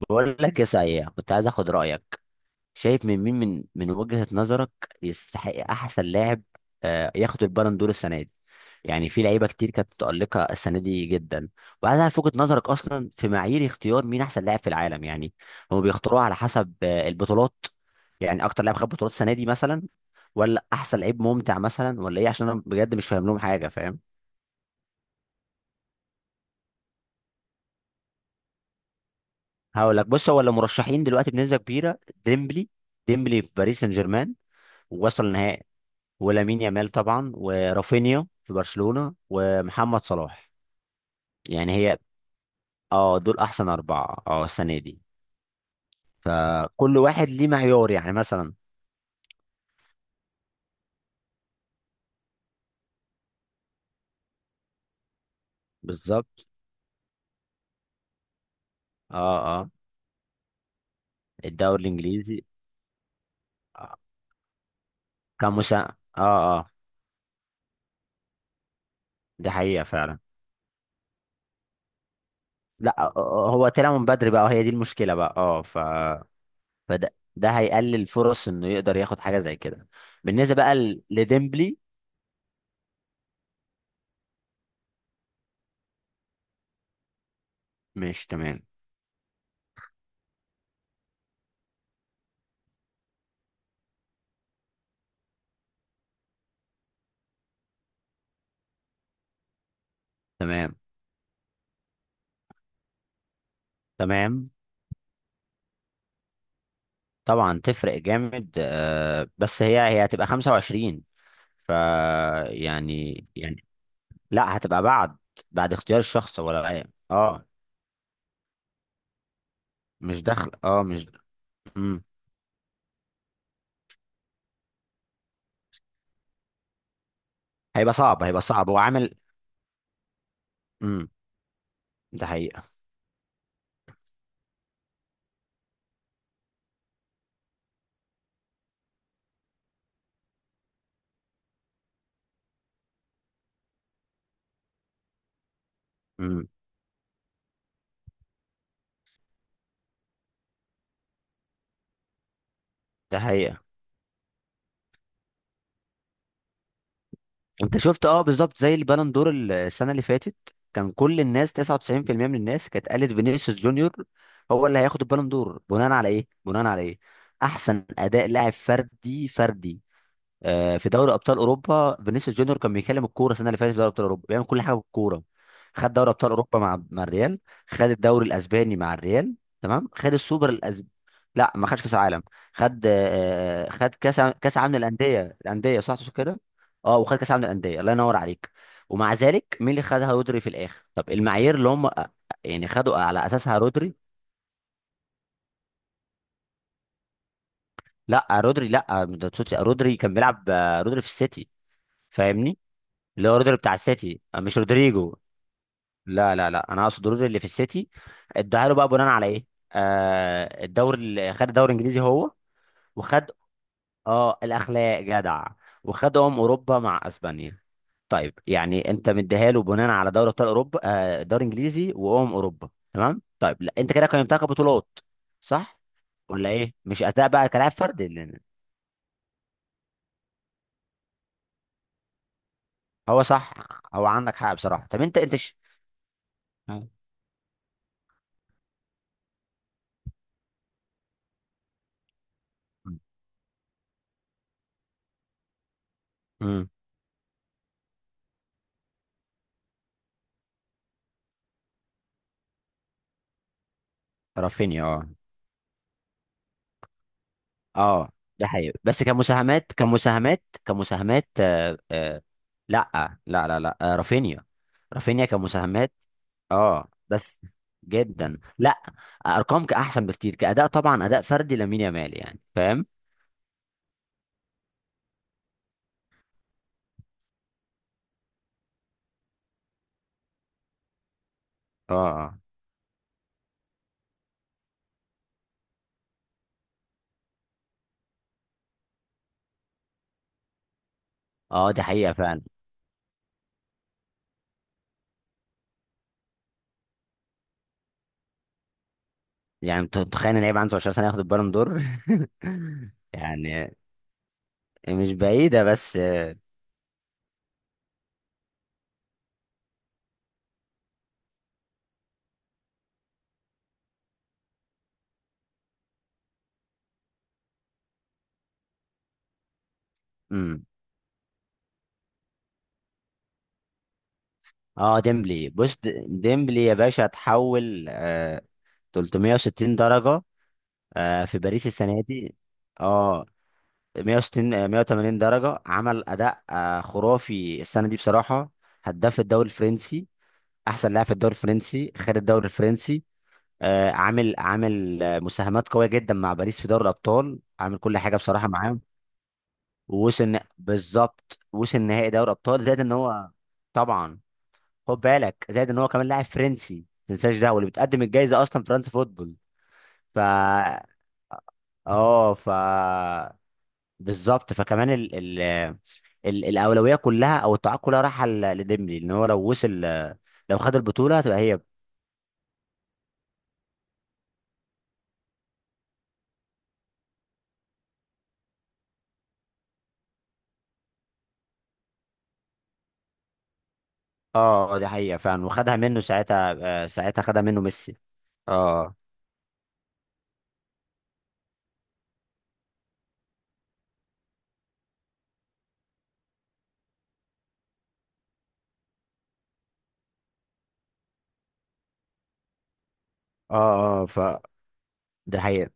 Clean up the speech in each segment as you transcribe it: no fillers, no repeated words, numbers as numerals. بقول لك يا سعيد، كنت عايز اخد رايك. شايف من مين، من وجهة نظرك يستحق احسن لاعب ياخد البالون دور السنه دي؟ يعني في لعيبه كتير كانت متالقه السنه دي جدا، وعايز اعرف وجهة نظرك اصلا في معايير اختيار مين احسن لاعب في العالم. يعني هم بيختاروها على حسب البطولات؟ يعني اكتر لاعب خد بطولات السنه دي مثلا، ولا احسن لعيب ممتع مثلا ولا ايه؟ عشان انا بجد مش فاهم لهم حاجه، فاهم؟ هقول لك. بص، هو اللي مرشحين دلوقتي بنسبه كبيره: ديمبلي. ديمبلي في باريس سان جيرمان ووصل النهائي، ولامين يامال طبعا، ورافينيا في برشلونة، ومحمد صلاح. يعني، اه، دول احسن اربعة، اه، السنة دي. فكل واحد ليه معيار، يعني مثلا. بالظبط. اه، اه، الدوري الانجليزي. آه، كمسا. اه، اه، دي حقيقة فعلا. لا هو طلع من بدري بقى، وهي دي المشكلة بقى، اه ف فده هيقلل فرص انه يقدر ياخد حاجة زي كده. بالنسبة بقى لديمبلي. مش تمام؟ تمام. تمام، طبعا تفرق جامد. بس هي هتبقى 25. ف يعني. لا، هتبقى بعد. بعد اختيار الشخص ولا ايه؟ اه، مش دخل، اه مش امم هيبقى صعب، هو عامل. امم ده حقيقة. امم ده حقيقة. انت شفت؟ اه، بالظبط زي البالون دور السنة اللي فاتت، كان كل الناس، 99% من الناس، كانت قالت فينيسيوس جونيور هو اللي هياخد البالون دور. بناء على ايه؟ بناء على ايه؟ احسن اداء لاعب فردي، فردي، في دوري ابطال اوروبا. فينيسيوس جونيور كان بيكلم الكوره السنه اللي فاتت في دوري ابطال اوروبا، بيعمل كل حاجه بالكوره. خد دوري ابطال اوروبا مع الريال، خد الدوري الاسباني مع الريال، تمام، خد السوبر الاسباني. لا، ما خدش كاس عالم. خد، خد كاس كاس عالم للانديه. الانديه صح تقصد كده؟ اه، وخد كاس عالم للانديه، الله ينور عليك. ومع ذلك، مين اللي خدها؟ رودري، في الاخر. طب المعايير اللي هم يعني خدوا على اساسها رودري. لا رودري، لا ما تقصدش. رودري كان بيلعب، رودري في السيتي. فاهمني؟ اللي هو رودري بتاع السيتي، مش رودريجو. لا، انا اقصد رودري اللي في السيتي. اداها له بقى بناء على ايه؟ آه، الدوري، اللي خد الدوري الانجليزي هو. وخد، اه، الاخلاق جدع. وخد اوروبا مع اسبانيا. طيب يعني انت مديها له بناء على دوري ابطال اوروبا، آه، دوري انجليزي، وامم اوروبا، تمام. طيب لا، انت كده قيمتها كبطولات، صح ولا ايه؟ مش اداء بقى كلاعب فردي؟ لأن هو صح، هو عندك حق بصراحه. طب انت، انت امم رافينيا. اه اه، ده حقيقي. بس كمساهمات كمساهمات، آه، آه. لا لا آه رافينيا. رافينيا كمساهمات، اه. بس جدا، لا، ارقام كاحسن، بكتير. كاداء طبعا، اداء فردي لامين يامال، يعني فاهم؟ اه، اه، اه، دي حقيقه فعلا. يعني انت تخيل ان لعيب عنده 10 سنه ياخد البالون دور! يعني مش بعيده، بس امم اه ديمبلي، بص، ديمبلي يا باشا اتحول، آه، 360 درجه، آه، في باريس السنه دي. اه، 160، 180 درجه. عمل اداء آه خرافي السنه دي بصراحه. هداف الدوري الفرنسي، احسن لاعب في الدوري الفرنسي، خد الدوري الفرنسي. آه، عامل مساهمات قويه جدا مع باريس في دوري الابطال، عامل كل حاجه بصراحه معاهم. ووصل بالظبط، وصل نهائي دوري ابطال. زائد ان هو، طبعا، خد بالك، زائد ان هو كمان لاعب فرنسي، ما تنساش ده، واللي بتقدم الجائزه اصلا فرنسا فوتبول. ف اه، بالظبط. فكمان، ال الاولويه كلها، او التعاق كلها رايحه لديمبلي، لان هو لو وصل، لو خد البطوله هتبقى هي. اه، آه، دي حقيقه فعلا، وخدها منه ساعتها. ساعتها خدها منه ميسي. اه، اه، اه، ده حقيقه.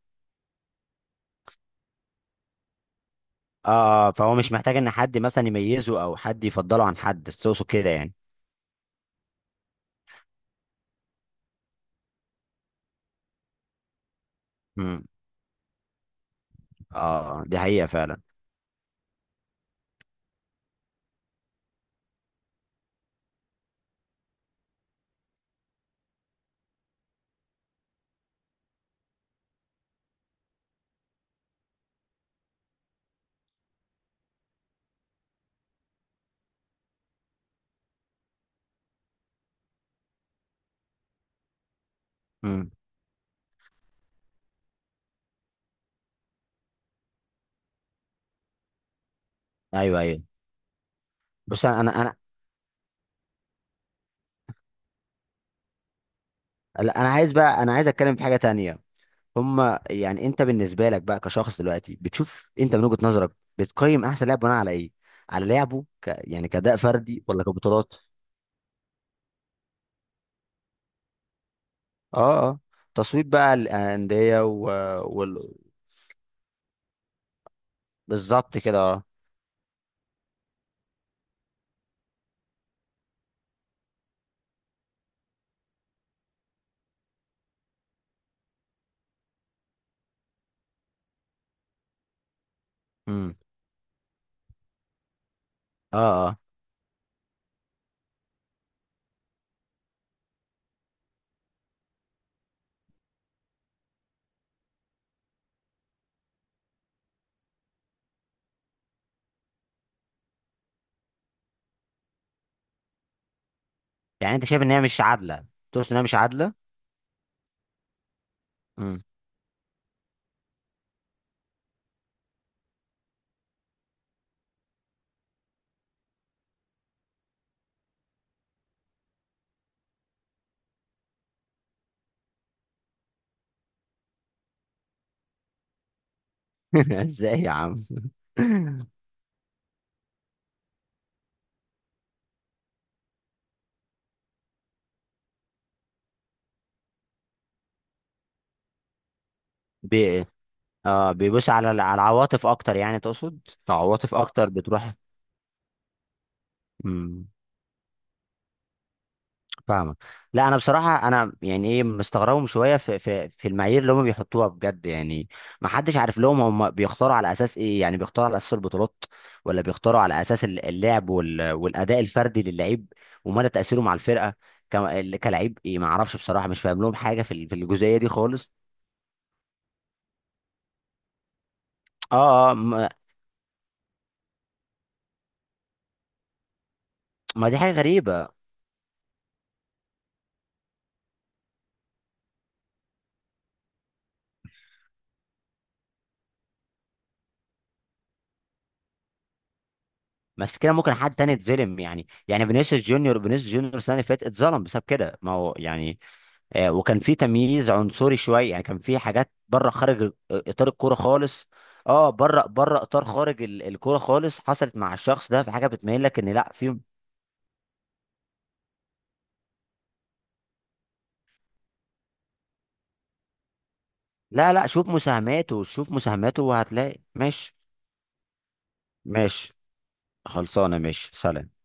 اه، اه، فهو مش محتاج ان حد مثلا يميزه، او حد يفضله عن حد، تقصد كده يعني. امم اه، دي حقيقه فعلا. امم ايوه، ايوه. بص انا، لا، انا عايز بقى، انا عايز اتكلم في حاجه تانية. هما يعني، انت بالنسبه لك بقى كشخص دلوقتي، بتشوف انت من وجهه نظرك، بتقيم احسن لاعب بناء على ايه؟ على لعبه، يعني كاداء فردي ولا كبطولات؟ اه، اه. تصويت بقى الانديه وال... بالظبط كده، اه. امم اه، اه. يعني انت شايف ان هي مش عادله؟ تقصد ان هي مش عادله. امم ازاي يا عم! بي... اه، بيبص على على العواطف اكتر يعني تقصد؟ عواطف اكتر بتروح. امم فاهمك. لا انا بصراحه، انا يعني ايه، مستغربهم شويه في المعايير اللي هم بيحطوها بجد يعني. ما حدش عارف لهم هم بيختاروا على اساس ايه. يعني بيختاروا على اساس البطولات، ولا بيختاروا على اساس اللعب والاداء الفردي للعيب، ومدى تاثيره مع الفرقه كلاعب، ايه، ما اعرفش بصراحه، مش فاهم لهم حاجه في في الجزئيه دي خالص. اه، اه، ما دي حاجه غريبه. بس كده ممكن حد تاني يتظلم. يعني، يعني، فينيسيوس جونيور السنه اللي فاتت اتظلم بسبب كده، ما هو يعني وكان في تمييز عنصري شويه، يعني كان في حاجات بره، خارج اطار الكوره خالص. اه، بره، بره اطار، خارج الكوره خالص، حصلت مع الشخص ده. في حاجه بتميل لك ان لا، في. لا لا، شوف مساهماته، شوف مساهماته وهتلاقي. ماشي. ماشي خلصانه، ماشي، سلام.